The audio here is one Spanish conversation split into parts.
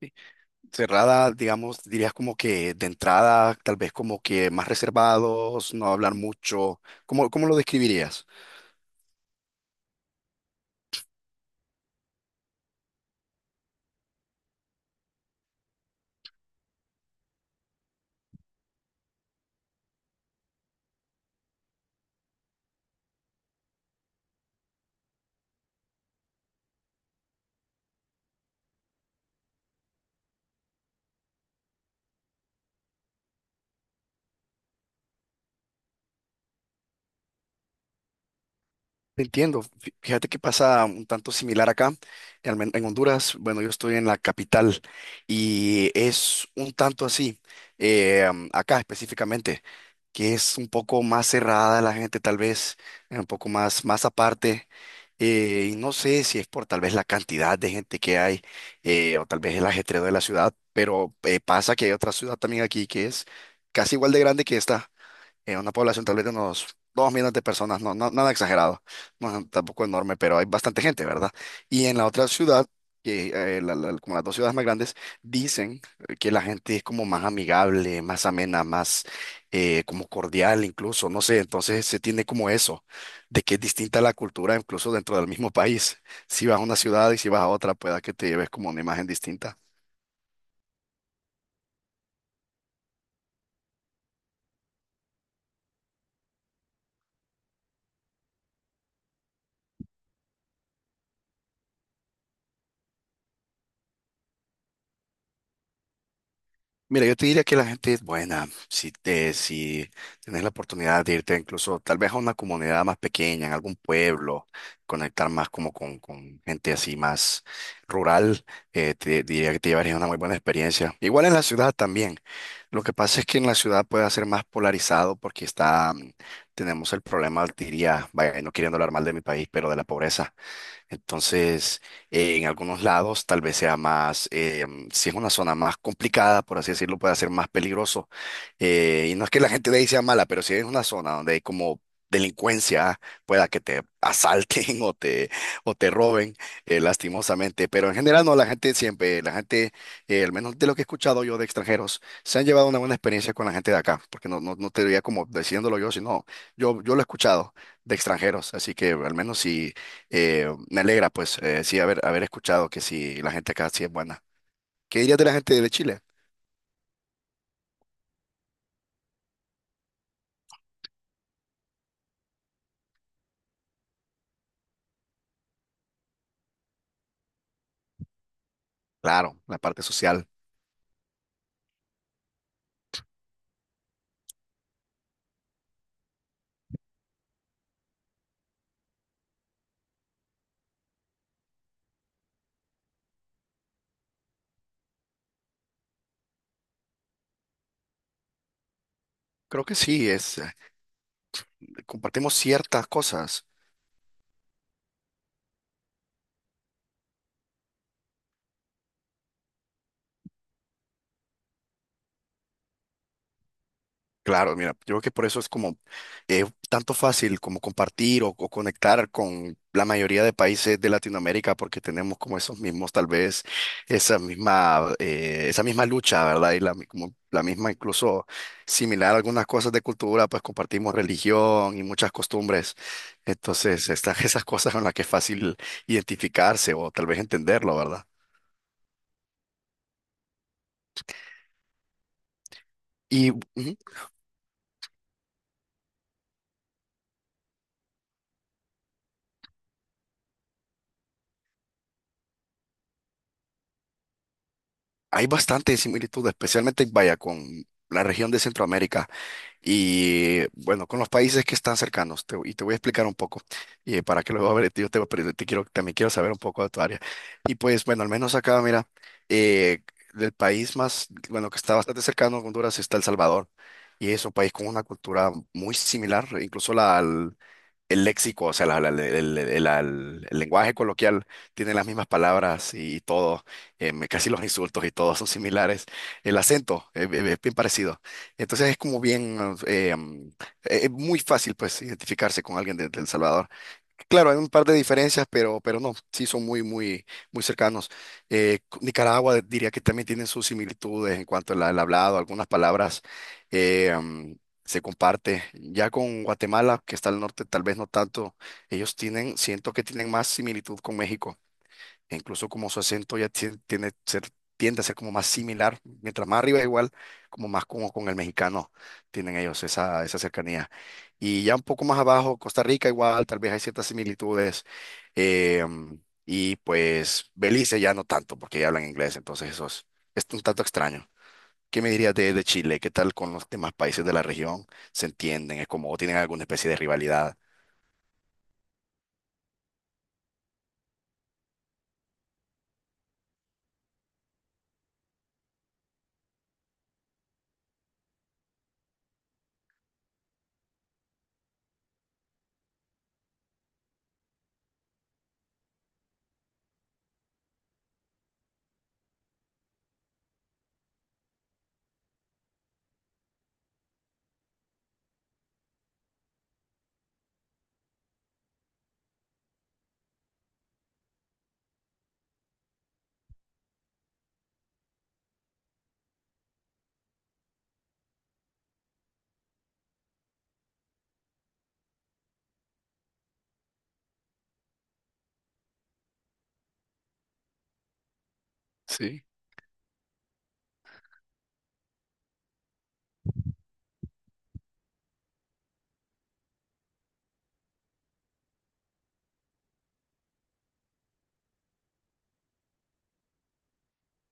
Sí. Cerrada, digamos, dirías como que de entrada, tal vez como que más reservados, no hablar mucho. ¿Cómo lo describirías? Entiendo. Fíjate que pasa un tanto similar acá, en Honduras. Bueno, yo estoy en la capital y es un tanto así, acá específicamente, que es un poco más cerrada la gente, tal vez, un poco más, más aparte. Y no sé si es por tal vez la cantidad de gente que hay, o tal vez el ajetreo de la ciudad, pero pasa que hay otra ciudad también aquí que es casi igual de grande que esta, una población tal vez de unos 2 millones de personas, nada exagerado, no es tampoco enorme, pero hay bastante gente, ¿verdad? Y en la otra ciudad, que, como las dos ciudades más grandes, dicen que la gente es como más amigable, más amena, más como cordial incluso, no sé, entonces se tiene como eso, de que es distinta la cultura incluso dentro del mismo país. Si vas a una ciudad y si vas a otra, pueda que te lleves como una imagen distinta. Mira, yo te diría que la gente es buena. Si te, si tienes la oportunidad de irte incluso tal vez a una comunidad más pequeña, en algún pueblo, conectar más como con gente así más rural, te diría que te llevarías una muy buena experiencia. Igual en la ciudad también. Lo que pasa es que en la ciudad puede ser más polarizado porque está, tenemos el problema, diría, vaya, no queriendo hablar mal de mi país, pero de la pobreza. Entonces, en algunos lados tal vez sea más, si es una zona más complicada, por así decirlo, puede ser más peligroso. Y no es que la gente de ahí sea mala, pero si es una zona donde hay como delincuencia, pueda que te asalten o te roben, lastimosamente. Pero en general no, la gente siempre, la gente, al menos de lo que he escuchado yo de extranjeros, se han llevado una buena experiencia con la gente de acá, porque no te diría como diciéndolo yo, sino yo lo he escuchado de extranjeros, así que al menos si me alegra, pues, sí, haber escuchado que sí, la gente acá sí es buena. ¿Qué dirías de la gente de Chile? Claro, la parte social. Creo que sí, compartimos ciertas cosas. Claro, mira, yo creo que por eso es como eh, tanto fácil como compartir o conectar con la mayoría de países de Latinoamérica, porque tenemos como esos mismos, tal vez, esa misma lucha, ¿verdad? Y la, como la misma, incluso similar a algunas cosas de cultura, pues compartimos religión y muchas costumbres. Entonces, están esas cosas en las que es fácil identificarse o tal vez entenderlo, ¿verdad? Y ujú, hay bastante similitud, especialmente, vaya, con la región de Centroamérica. Y bueno, con los países que están cercanos, y te voy a explicar un poco, y para que luego a ver, pero te quiero, también quiero saber un poco de tu área. Y pues bueno, al menos acá, mira, eh, del país más, bueno, que está bastante cercano a Honduras está El Salvador, y es un país con una cultura muy similar, incluso la, el léxico, o sea, el lenguaje coloquial tiene las mismas palabras y todo, casi los insultos y todo son similares. El acento es, bien parecido. Entonces es como bien, eh, em, es muy fácil pues identificarse con alguien de El Salvador. Claro, hay un par de diferencias, pero no, sí son muy, muy, muy cercanos. Nicaragua diría que también tienen sus similitudes en cuanto al, al hablado, algunas palabras eh, am, se comparte. Ya con Guatemala, que está al norte, tal vez no tanto, ellos tienen, siento que tienen más similitud con México e incluso como su acento ya tiene ser, tiende a ser como más similar, mientras más arriba igual, como más como con el mexicano tienen ellos esa, esa cercanía. Y ya un poco más abajo, Costa Rica igual, tal vez hay ciertas similitudes, eh, y pues Belice ya no tanto, porque ya hablan inglés, entonces eso es un tanto extraño. ¿Qué me dirías de Chile? ¿Qué tal con los demás países de la región? ¿Se entienden? ¿Es como o tienen alguna especie de rivalidad? Sí.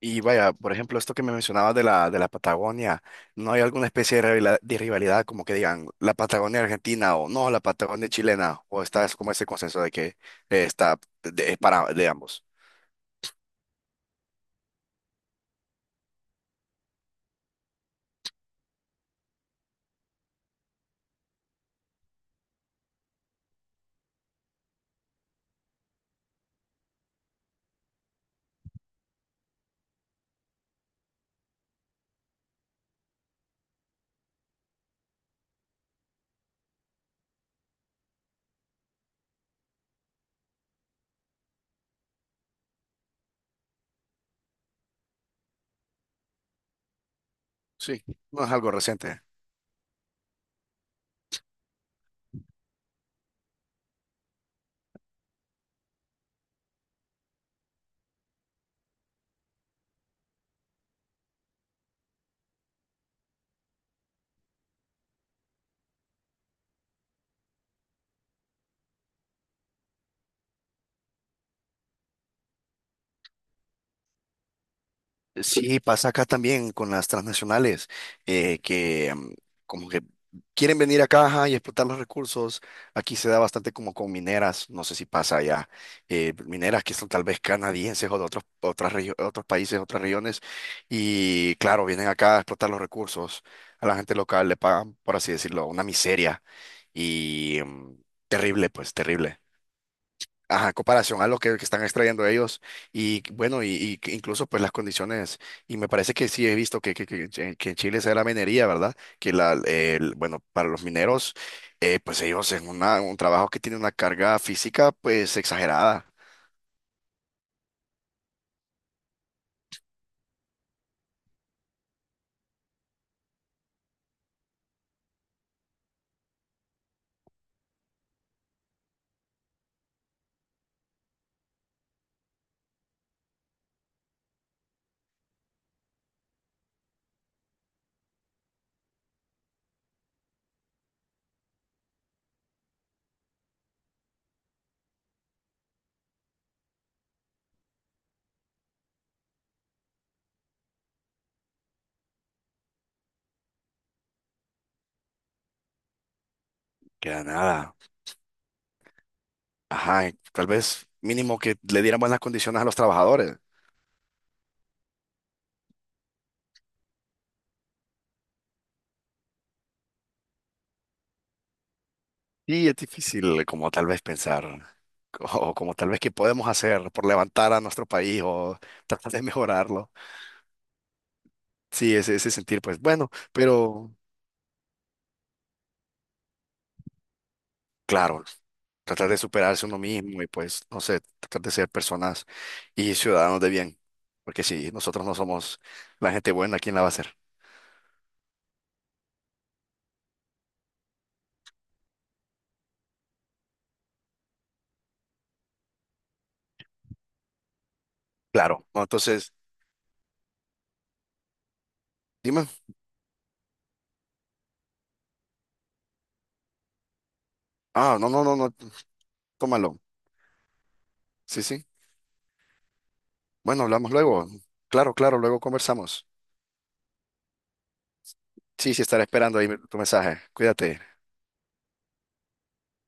Y vaya, por ejemplo, esto que me mencionabas de la Patagonia, ¿no hay alguna especie de rivalidad como que digan la Patagonia argentina o no, la Patagonia chilena? ¿O está es como ese consenso de que está es para de ambos? Sí, no es algo reciente. Sí, pasa acá también con las transnacionales, eh, que mm, como que quieren venir acá ajá, y explotar los recursos. Aquí se da bastante como con mineras, no sé si pasa allá, mineras que son tal vez canadienses o de otros, otros países, otras regiones, y claro, vienen acá a explotar los recursos. A la gente local le pagan, por así decirlo, una miseria y terrible, pues terrible. Ajá, comparación a lo que están extrayendo ellos y bueno, y que incluso pues las condiciones, y me parece que sí he visto que, que en Chile se da la minería, ¿verdad? Que la, bueno, para los mineros, pues ellos en una, un trabajo que tiene una carga física pues exagerada, que da nada, ajá, y tal vez mínimo que le dieran buenas condiciones a los trabajadores. Sí es difícil como tal vez pensar, o como tal vez qué podemos hacer por levantar a nuestro país o tratar de mejorarlo. Sí, ese sentir, pues bueno, pero claro, tratar de superarse uno mismo y pues, no sé, tratar de ser personas y ciudadanos de bien, porque si nosotros no somos la gente buena, ¿quién la va a ser? Claro, no, entonces, dime, ah, no, no, no, no, tómalo, sí, sí, bueno, hablamos luego, claro, claro, luego conversamos, sí, sí, estaré esperando ahí tu mensaje, cuídate.